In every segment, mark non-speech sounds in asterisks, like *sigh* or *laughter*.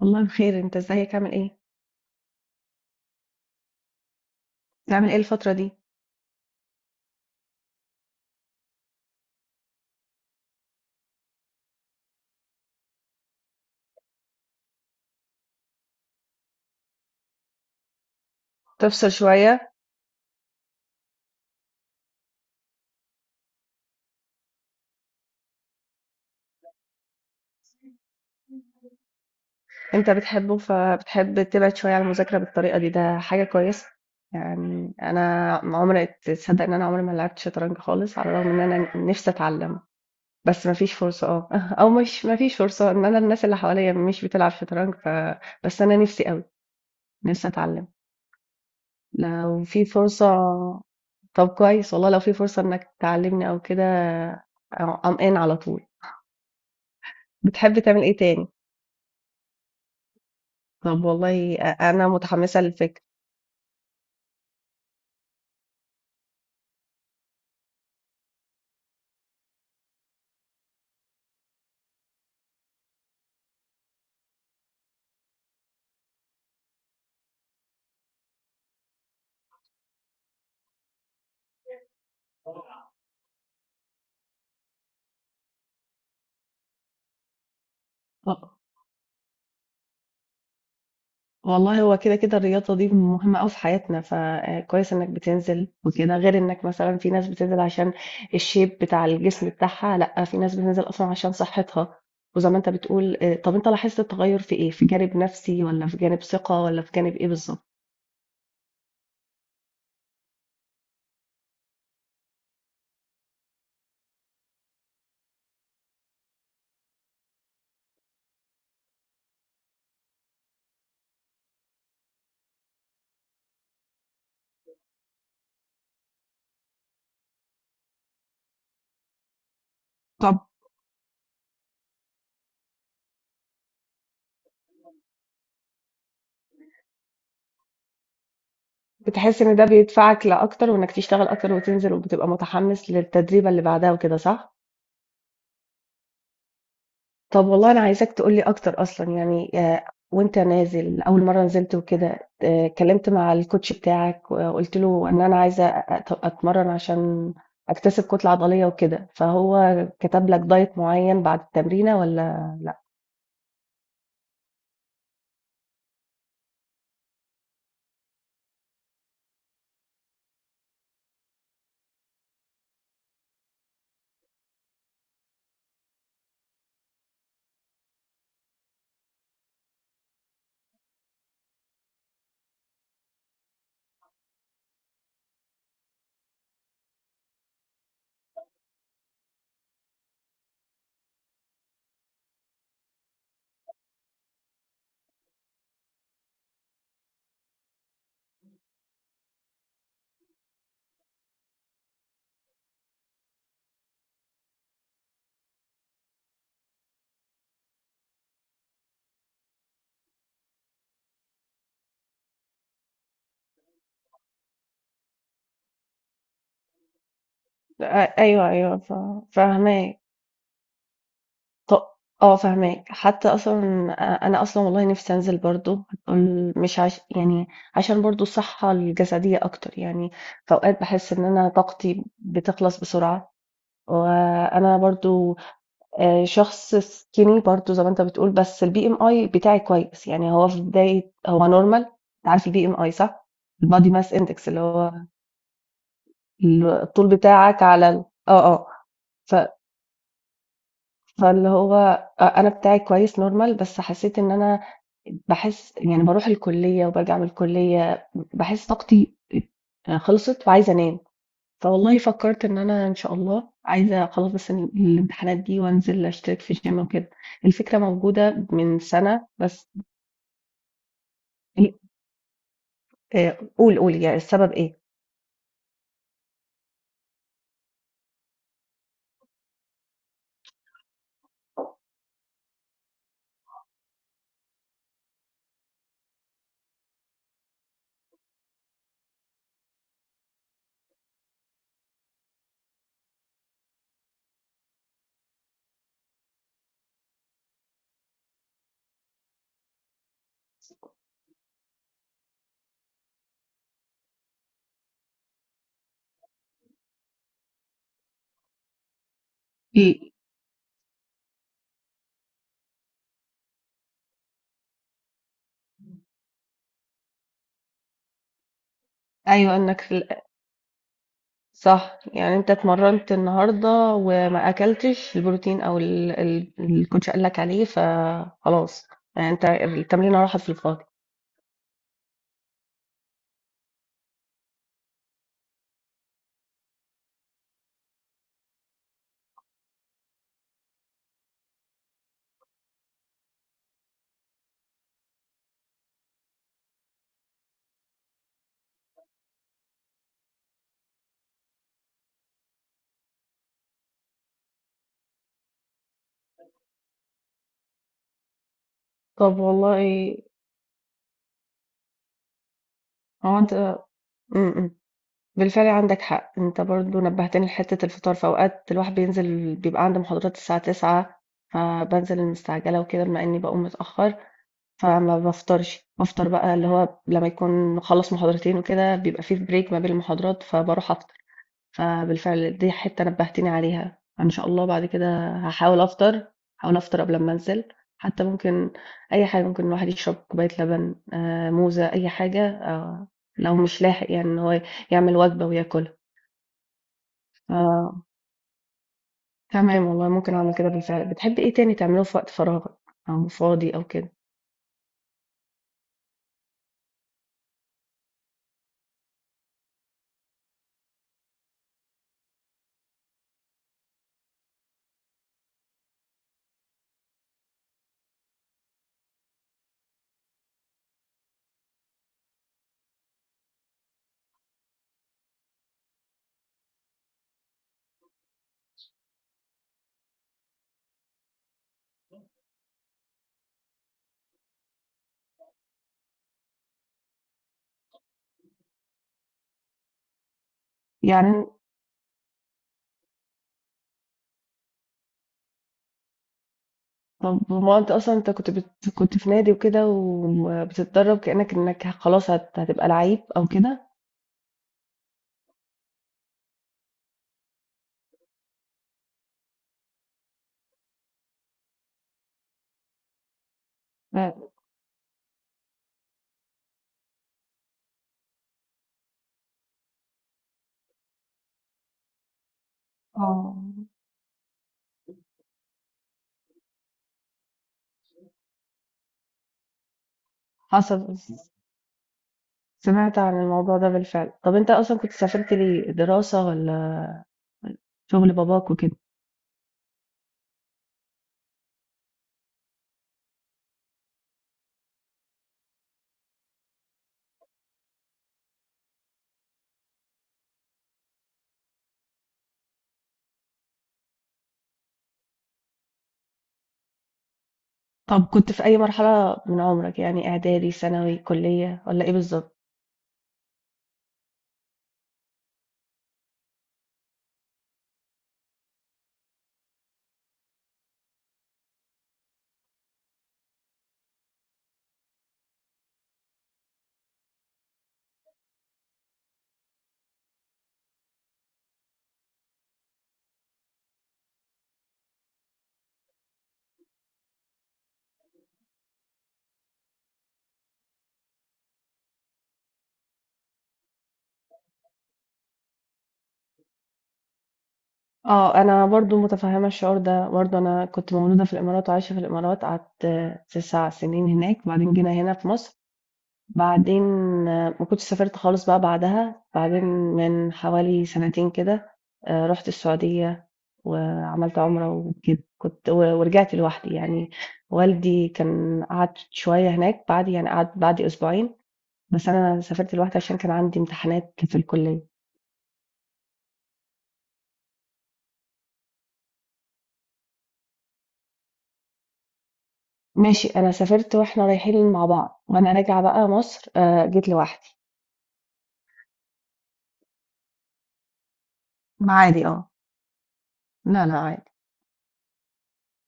والله بخير، انت ازيك، عامل ايه؟ بتعمل ايه الفترة دي؟ تفصل شوية؟ انت بتحبه فبتحب تبعد شوية عن المذاكرة بالطريقة دي، ده حاجة كويسة. يعني انا عمري، تصدق ان انا عمري ما لعبت شطرنج خالص؟ على الرغم ان انا نفسي اتعلم، بس مفيش فرصة اه *laughs* او مش مفيش فرصة، ان انا الناس اللي حواليا مش بتلعب شطرنج ف... بس انا نفسي قوي، نفسي اتعلم لو في فرصة. طب كويس والله، لو في فرصة إنك تعلّمني أو كده I'm in على طول. بتحب تعمل إيه تاني؟ طب والله، أنا متحمسة للفكرة. آه. والله هو كده، الرياضة دي مهمة أوي في حياتنا، فكويس إنك بتنزل وكده، غير إنك مثلًا في ناس بتنزل عشان الshape بتاع الجسم بتاعها، لأ، في ناس بتنزل أصلًا عشان صحتها، وزي ما أنت بتقول. طب أنت لاحظت التغيُّر في إيه؟ في جانب نفسي، والّا في جانب ثقة، والّا في جانب إيه بالضبط؟ طب بتحس إن ده بيدفعك لأكتر، وإنك تشتغل أكتر وتنزل وبتبقى متحمس للتدريبة اللي بعدها وكده، صح؟ طب والله، أنا عايزاك تقولي أكتر أصلا يعني. وأنت نازل، أول مرة نزلت وكده، اتكلمت مع الكوتش بتاعك وقلت له إن أنا عايزة أتمرن عشان أكتسب كتلة عضلية وكده، فهو كتب لك دايت معين بعد التمرينة ولا لأ؟ آه، أيوه أيوه فاهماك. ط آه، فاهماك. حتى أصلًا أنا أصلًا والله نِفْسي أنزل برضه، هتقول مش يعني عشان برضه الصحّة الجسدية أكتر، يعني في أوقات باحس إن أنا طاقتي بتخلص بسرعة، وأنا برضه شخص skinny برضه زي ما أنت بتقول، بس الBMI بتاعي كويس، يعني هو في بداية، هو normal. أنت عارف الBMI صح؟ الbody mass index، اللي هو ال الطول بتاعك على ال آه، آه. ف فاللي هو أنا بتاعي كويس normal، بس حسيت إن أنا باحس، يعني باروح الكلية وبارجع من الكلية باحس طاقتي خلصت وعايزة أنام، فوالله فكرت إن أنا إن شاء الله عايزة، خلاص بس الامتحانات دي وأنزل أشترك في gym وكده، الفكرة موجودة من سنة بس. قُل، قُل، يعني السبب إيه؟ إيه؟ أيوه، إنك صح، يعني أنت اتمرّنت النهارده وما أكلتش البروتين أو ال ال الcoach قال لك عليه، فخلاص، يعني أنت التمرينة راحت في الفاضي. طب والله، هو أنت إمم، إمم، بالفعل عندك حق، أنت برضه نبّهتني لحتّة الفطار، في أوقات الواحد بينزل بيبقى عنده محاضرات الساعة 09:00، فبانزل المستعجلة وكده بما إني باقوم متأخّر، فما بافطرش، بافطر بقى اللي هو لمّا يكون مخلّص محاضرتين وكده، بيبقى في break ما بين المحاضرات فباروح أفطر. فبالفعل دي حتة نبهتيني عليها، إن شاء الله بعد كده هاحاول أفطر، هاحاول أفطر قبل أمّا أنزل، حتى ممكن أي حاجة، ممكن الواحد يشرب كوباية لبن، موزة، أي حاجة، لو مش لاحق يعني إن هو يعمل وجبة وياكلها. آه، تمام والله، ممكن أعمل كده بالفعل. بتحبي إيه تاني تعمليه في وقت فراغك، أو فاضي أو كده؟ يعني طَب هو أنت أصلًا كنت كنت في نادي وكده وبتتدرّب، كإنّك خلاص هتبقى لعيب أو كده؟ آه، حصل. سمعت عن الموضوع ده بالفعل. طب أنت أصلًا كنت سافرت ليه، دراسة والّا شغل باباك وكده؟ طب كنت في أي مرحلة من عمرك، يعني إعدادي، ثانوي، كلية، والّا إيه بالضبط؟ آه، أنا برضه متفهمة الشعور ده، برضه أنا كنت مولودة في الإمارات وعايشة في الإمارات، قعدت 9 سنين هناك، وبعدين جينا هنا في مصر. بعدين ما كنتش سافرت خالص بقى بعدها، بعدين من حوالي سنتين كده رحت السعودية وعملت عمرة وكده، كنت ورجعت لوحدي يعني، والدي كان قعد شوية هناك بعد، يعني قعد بعد أسبوعين، بس أنا سافرت لوحدي عشان كان عندي امتحانات في الكلية. ماشي، أنا سافرت وإحنا رايحين مع بعض، وأنا راجعة بقى مصر جيت لوحدي. ما عادي اه. لا لا عادي.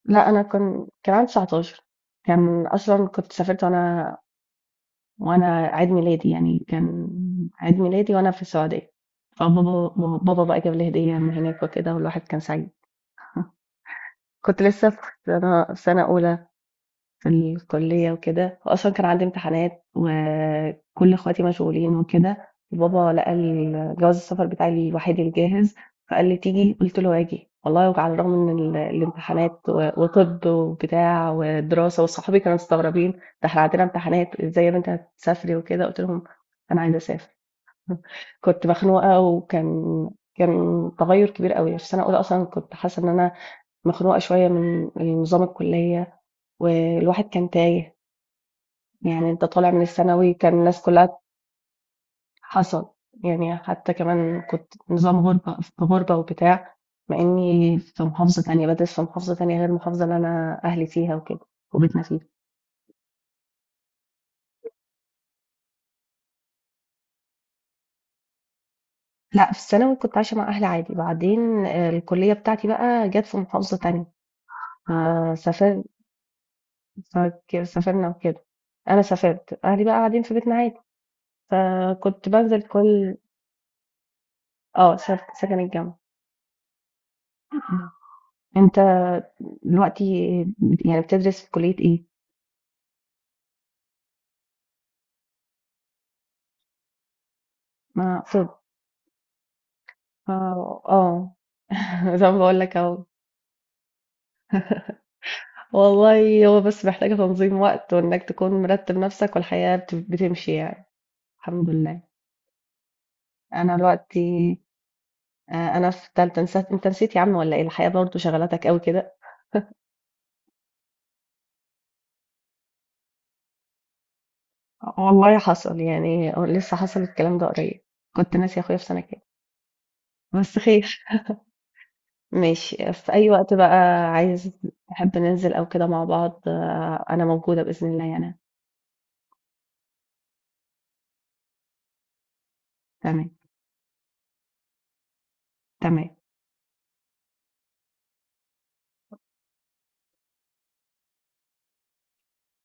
لا، أنا كان عندي 19، كان أصلا كنت سافرت، وأنا عيد ميلادي، يعني كان عيد ميلادي وأنا في السعودية. فبابا بقى جاب لي هدية من هناك وكده، والواحد كان سعيد. كنت لسه في سنة أولى في الكلية وكده، وأصلًا كان عندي امتحانات، وكل اخواتي مشغولين وكده، وبابا لقى جواز السفر بتاعي الوحيد الجاهز، فقال لي: "تيجي؟" قُلت له: "هاجي." والله، وعلى الرغم من ال الامتحانات و وطِب وبتاع ودراسة، وصحابي كانوا مستغربين: "ده إحنا عندنا امتحانات، إزاي يا بنتي هتسافري وكده؟" قُلت لهم: "أنا عايزة أسافر." *laughs* كنت مخنوقة، وكان كان تغيُّر كبير أوي، في سَنة أولى أصلًا كنت حاسة إن أنا مخنوقة شوية من نظام الكلية، والواحد كان تايه، يعني انت طالع من الثانوي كان الناس كلها. حصل. يعني حتى كمان كنت نظام غربة في غربة وبتاع، مع اني في محافظة تانية بدرس، في محافظة تانية غير المحافظة اللي انا اهلي فيها وكده وبيتنا فيها. لا، في الثانوي كنت عايشة مع اهلي عادي، بعدين الكلية بتاعتي بقى جت في محافظة تانية، فسافرت، سافرنا وكده. انا سافرت، اهلي بقى قاعدين في بيتنا عادي، فكنت بنزل كل آه، سك سكن الجامعة. أنت دلوقتي يعني بتدرس في كلية إيه؟ ما طب آه، آه، *laughs* زي ما باقول لك أهو. والله، هو بس محتاجة تنظيم وقت وإنك تكون مرتب نفسك، والحياة بتمشي يعني. الحمد لله. أنا دلوقتي أنا في تالتة. نسيت؟ أنت نسيت يا عم ولا إيه؟ الحياة برضه شغلتك أوي كده. والله حصل، يعني لسه حصل الكلام ده قريب. كنت ناسي أخويا في سنة كام. بس خير. ماشي، في أي وقت بقى عايز، تحب ننزل أو كده مع بعض، أنا موجودة بإذن الله يعني. تمام. تمام.